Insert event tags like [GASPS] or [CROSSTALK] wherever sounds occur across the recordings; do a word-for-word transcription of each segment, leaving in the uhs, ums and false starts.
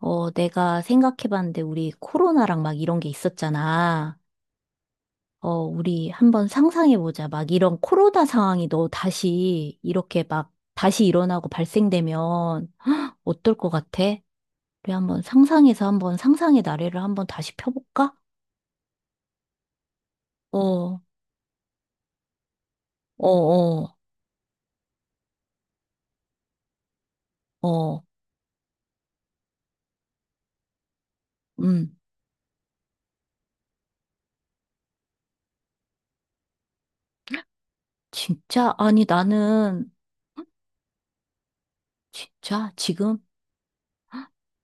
어, 내가 생각해봤는데 우리 코로나랑 막 이런 게 있었잖아. 어, 우리 한번 상상해보자. 막 이런 코로나 상황이 너 다시 이렇게 막 다시 일어나고 발생되면 어떨 것 같아? 우리 한번 상상해서 한번 상상의 나래를 한번 다시 펴볼까? 어. 어. 어. 어. 음. 진짜? 아니, 나는, 진짜? 지금?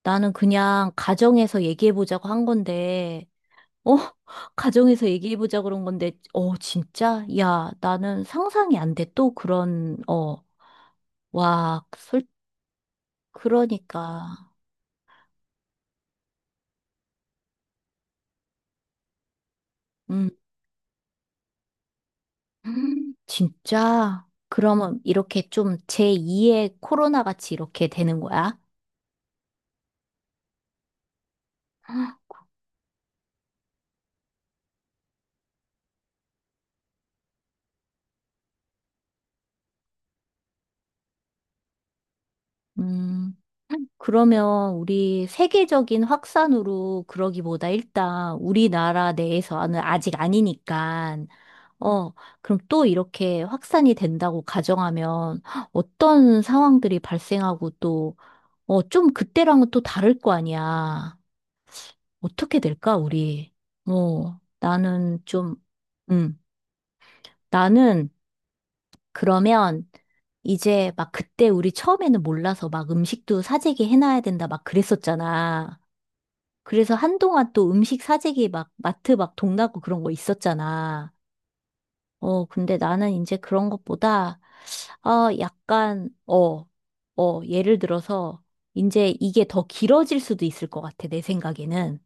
나는 그냥 가정에서 얘기해보자고 한 건데, 어. 가정에서 얘기해보자 그런 건데, 어, 진짜? 야, 나는 상상이 안 돼. 또 그런, 어. 와, 솔. 그러니까. 음. [GASPS] 진짜? 그러면 이렇게 좀 제이의 코로나 같이 이렇게 되는 거야? 음. 그러면 우리 세계적인 확산으로 그러기보다 일단 우리나라 내에서는 아직 아니니까 어, 그럼 또 이렇게 확산이 된다고 가정하면 어떤 상황들이 발생하고 또, 어, 좀 그때랑은 또 다를 거 아니야. 어떻게 될까, 우리? 어, 나는 좀, 음, 나는 그러면 이제 막 그때 우리 처음에는 몰라서 막 음식도 사재기 해놔야 된다 막 그랬었잖아. 그래서 한동안 또 음식 사재기 막 마트 막 동나고 그런 거 있었잖아. 어, 근데 나는 이제 그런 것보다 아, 약간, 어, 어, 예를 들어서, 이제 이게 더 길어질 수도 있을 것 같아, 내 생각에는.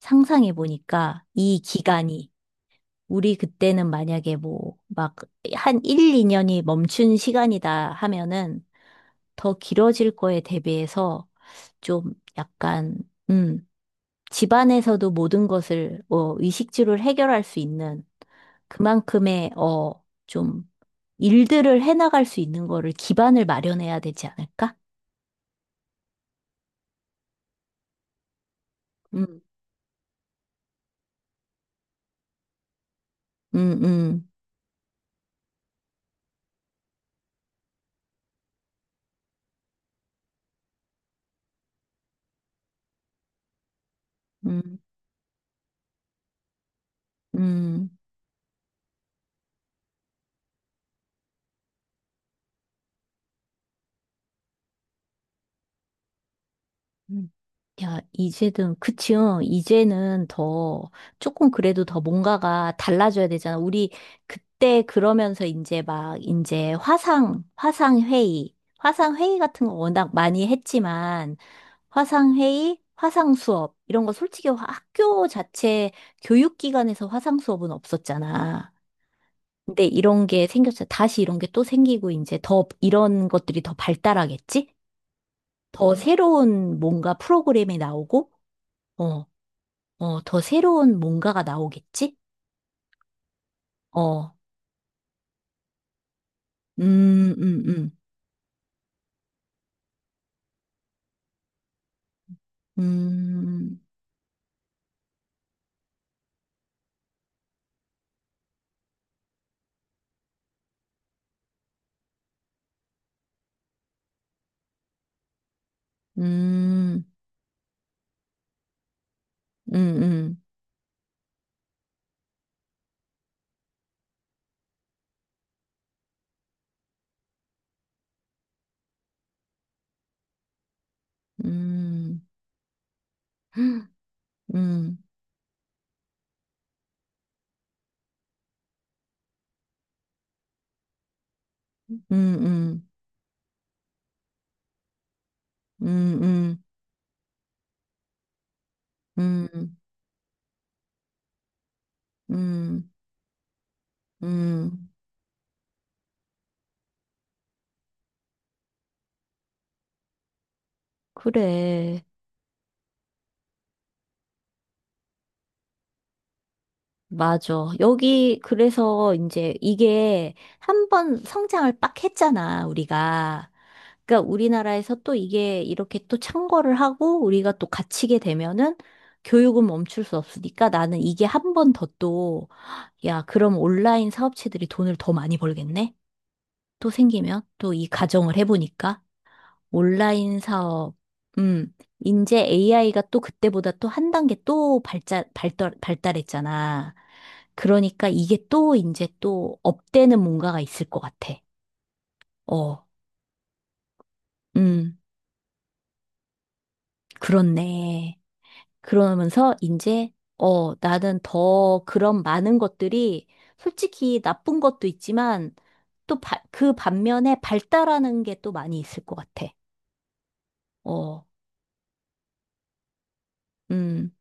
상상해 보니까, 이 기간이, 우리 그때는 만약에 뭐, 막, 한 일, 이 년이 멈춘 시간이다 하면은, 더 길어질 거에 대비해서, 좀 약간, 음, 집안에서도 모든 것을 어, 의식주를 해결할 수 있는 그만큼의 어, 좀 일들을 해나갈 수 있는 거를 기반을 마련해야 되지 않을까? 음. 음. 음. 음. 음. 음. 야, 이제는, 그치요. 이제는 더, 조금 그래도 더 뭔가가 달라져야 되잖아. 우리 그때 그러면서 이제 막, 이제 화상, 화상회의, 화상회의 같은 거 워낙 많이 했지만, 화상회의, 화상수업, 이런 거 솔직히 화- 학교 자체 교육기관에서 화상수업은 없었잖아. 근데 이런 게 생겼어. 다시 이런 게 또 생기고, 이제 더, 이런 것들이 더 발달하겠지? 더 새로운 뭔가 프로그램이 나오고, 어, 어, 더 새로운 뭔가가 나오겠지? 어. 음. 음. 음. 음. 음. 음. 음. 음. 음. 음. 음. 음. 음. 음. 음. 음. 음. 그래. 맞아. 여기, 그래서 이제 이게 한 번 성장을 빡 했잖아, 우리가. 그러니까 우리나라에서 또 이게 이렇게 또 창궐을 하고 우리가 또 갇히게 되면은 교육은 멈출 수 없으니까 나는 이게 한 번 더 또, 야, 그럼 온라인 사업체들이 돈을 더 많이 벌겠네? 또 생기면? 또 이 가정을 해보니까? 온라인 사업. 음, 이제 에이아이가 또 그때보다 또 한 단계 또 발달, 발달, 발달했잖아. 그러니까 이게 또 이제 또 업되는 뭔가가 있을 것 같아. 어. 음. 그렇네. 그러면서 이제, 어, 나는 더 그런 많은 것들이 솔직히 나쁜 것도 있지만 또 그 반면에 발달하는 게 또 많이 있을 것 같아. 어. 음.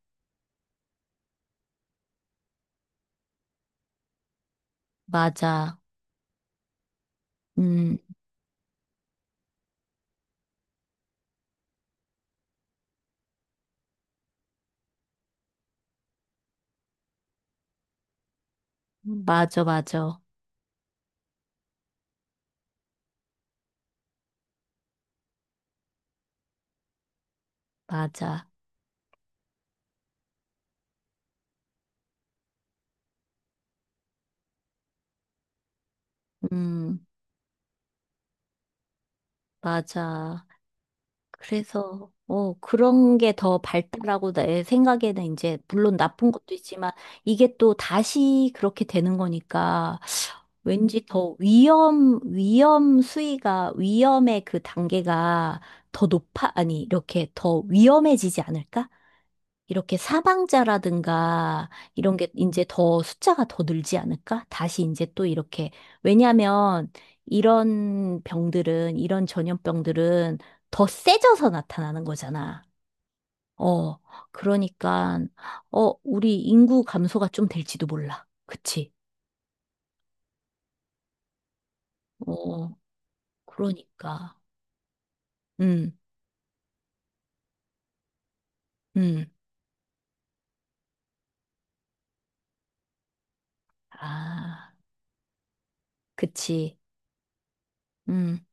맞아. 음, 맞아, 맞아. 맞아. 음, 맞아. 그래서, 어, 그런 게 더 발달하고 내 생각에는 이제, 물론 나쁜 것도 있지만, 이게 또 다시 그렇게 되는 거니까, 왠지 더 위험, 위험 수위가, 위험의 그 단계가 더 높아, 아니, 이렇게 더 위험해지지 않을까? 이렇게 사망자라든가 이런 게 이제 더 숫자가 더 늘지 않을까? 다시 이제 또 이렇게. 왜냐하면 이런 병들은, 이런 전염병들은 더 세져서 나타나는 거잖아. 어, 그러니까, 어, 우리 인구 감소가 좀 될지도 몰라. 그치? 어, 그러니까. 음. 음. 아, 그치. 음.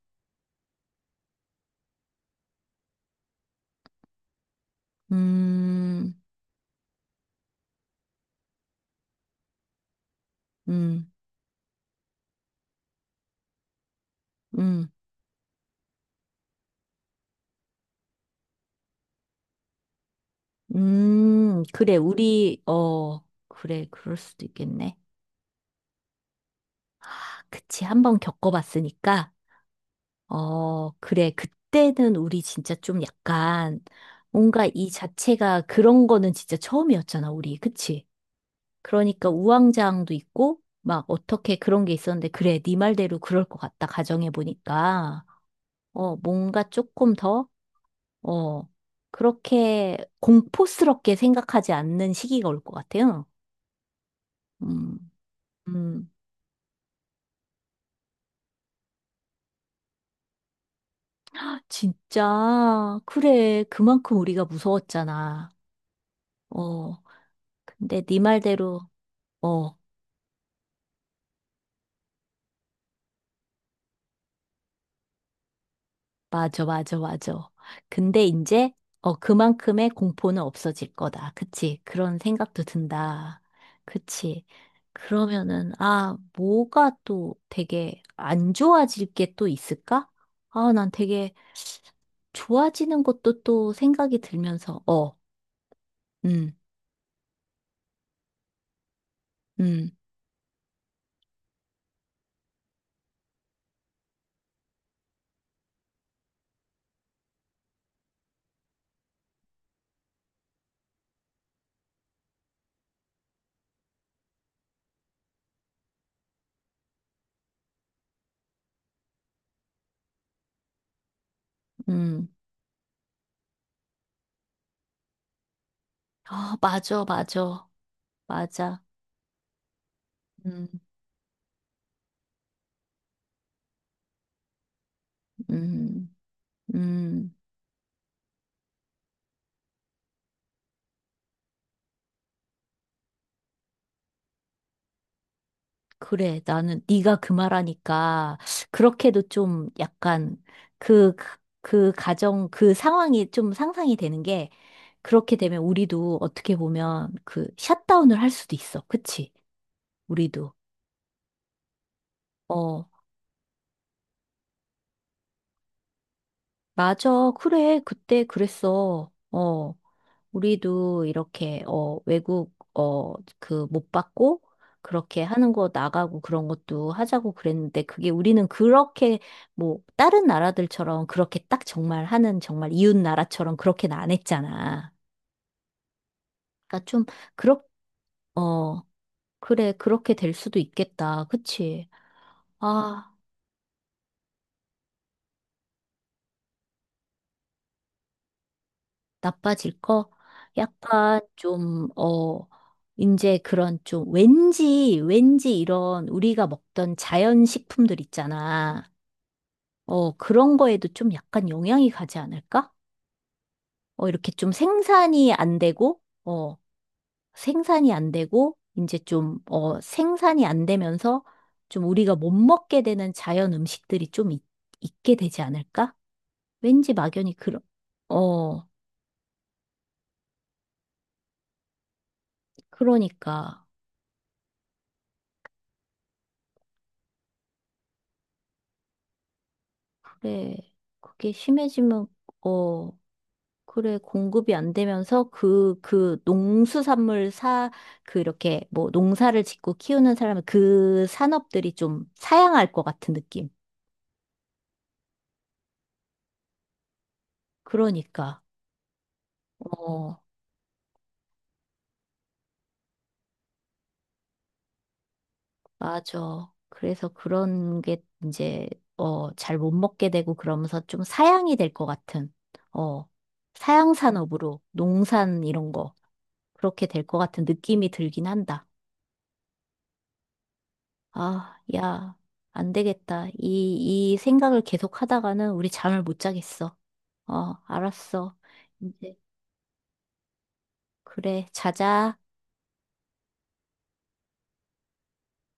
음. 음. 음. 음, 그래, 우리, 어. 그래, 그럴 수도 있겠네. 아, 그치, 한번 겪어봤으니까, 어, 그래, 그때는 우리 진짜 좀 약간, 뭔가 이 자체가 그런 거는 진짜 처음이었잖아, 우리. 그치? 그러니까 우왕좌왕도 있고, 막 어떻게 그런 게 있었는데, 그래, 네 말대로 그럴 것 같다, 가정해보니까. 어, 뭔가 조금 더, 어, 그렇게 공포스럽게 생각하지 않는 시기가 올 것 같아요. 음. 음. 진짜, 그래. 그만큼 우리가 무서웠잖아. 어, 근데 네 말대로, 어, 맞아, 맞아, 맞아. 근데 이제, 어, 그만큼의 공포는 없어질 거다. 그치? 그런 생각도 든다. 그치? 그러면은, 아, 뭐가 또 되게 안 좋아질 게 또 있을까? 아, 난 되게 좋아지는 것도 또 생각이 들면서, 어. 음. 음. 음. 아, 맞아, 맞아. 맞아. 음. 음. 음. 그래. 나는 네가 그 말하니까 그렇게도 좀 약간 그, 그, 그 가정, 그 상황이 좀 상상이 되는 게 그렇게 되면 우리도 어떻게 보면 그 샷다운을 할 수도 있어. 그치? 우리도. 어, 맞아. 그래. 그때 그랬어. 어. 우리도 이렇게 어 외국 어 그 못 받고 그렇게 하는 거 나가고 그런 것도 하자고 그랬는데 그게 우리는 그렇게 뭐 다른 나라들처럼 그렇게 딱 정말 하는 정말 이웃 나라처럼 그렇게는 안 했잖아. 그러니까 좀 그렇 어 그래 그렇게 될 수도 있겠다. 그치? 아. 나빠질 거? 약간 좀, 어, 이제 그런 좀 왠지, 왠지 이런 우리가 먹던 자연식품들 있잖아. 어, 그런 거에도 좀 약간 영향이 가지 않을까? 어, 이렇게 좀 생산이 안 되고, 어, 생산이 안 되고, 이제 좀, 어, 생산이 안 되면서 좀 우리가 못 먹게 되는 자연 음식들이 좀 있, 있게 되지 않을까? 왠지 막연히 그런, 어, 그러니까. 그래. 그게 심해지면, 어, 그래. 공급이 안 되면서 그, 그 농수산물 사, 그 이렇게 뭐 농사를 짓고 키우는 사람은 그 산업들이 좀 사양할 것 같은 느낌. 그러니까, 어, 맞아. 그래서 그런 게 이제, 어, 잘 못 먹게 되고 그러면서 좀 사양이 될 것 같은, 어, 사양 산업으로 농산 이런 거, 그렇게 될 것 같은 느낌이 들긴 한다. 아, 야, 안 되겠다. 이, 이 생각을 계속 하다가는 우리 잠을 못 자겠어. 어, 알았어. 이제, 그래, 자자.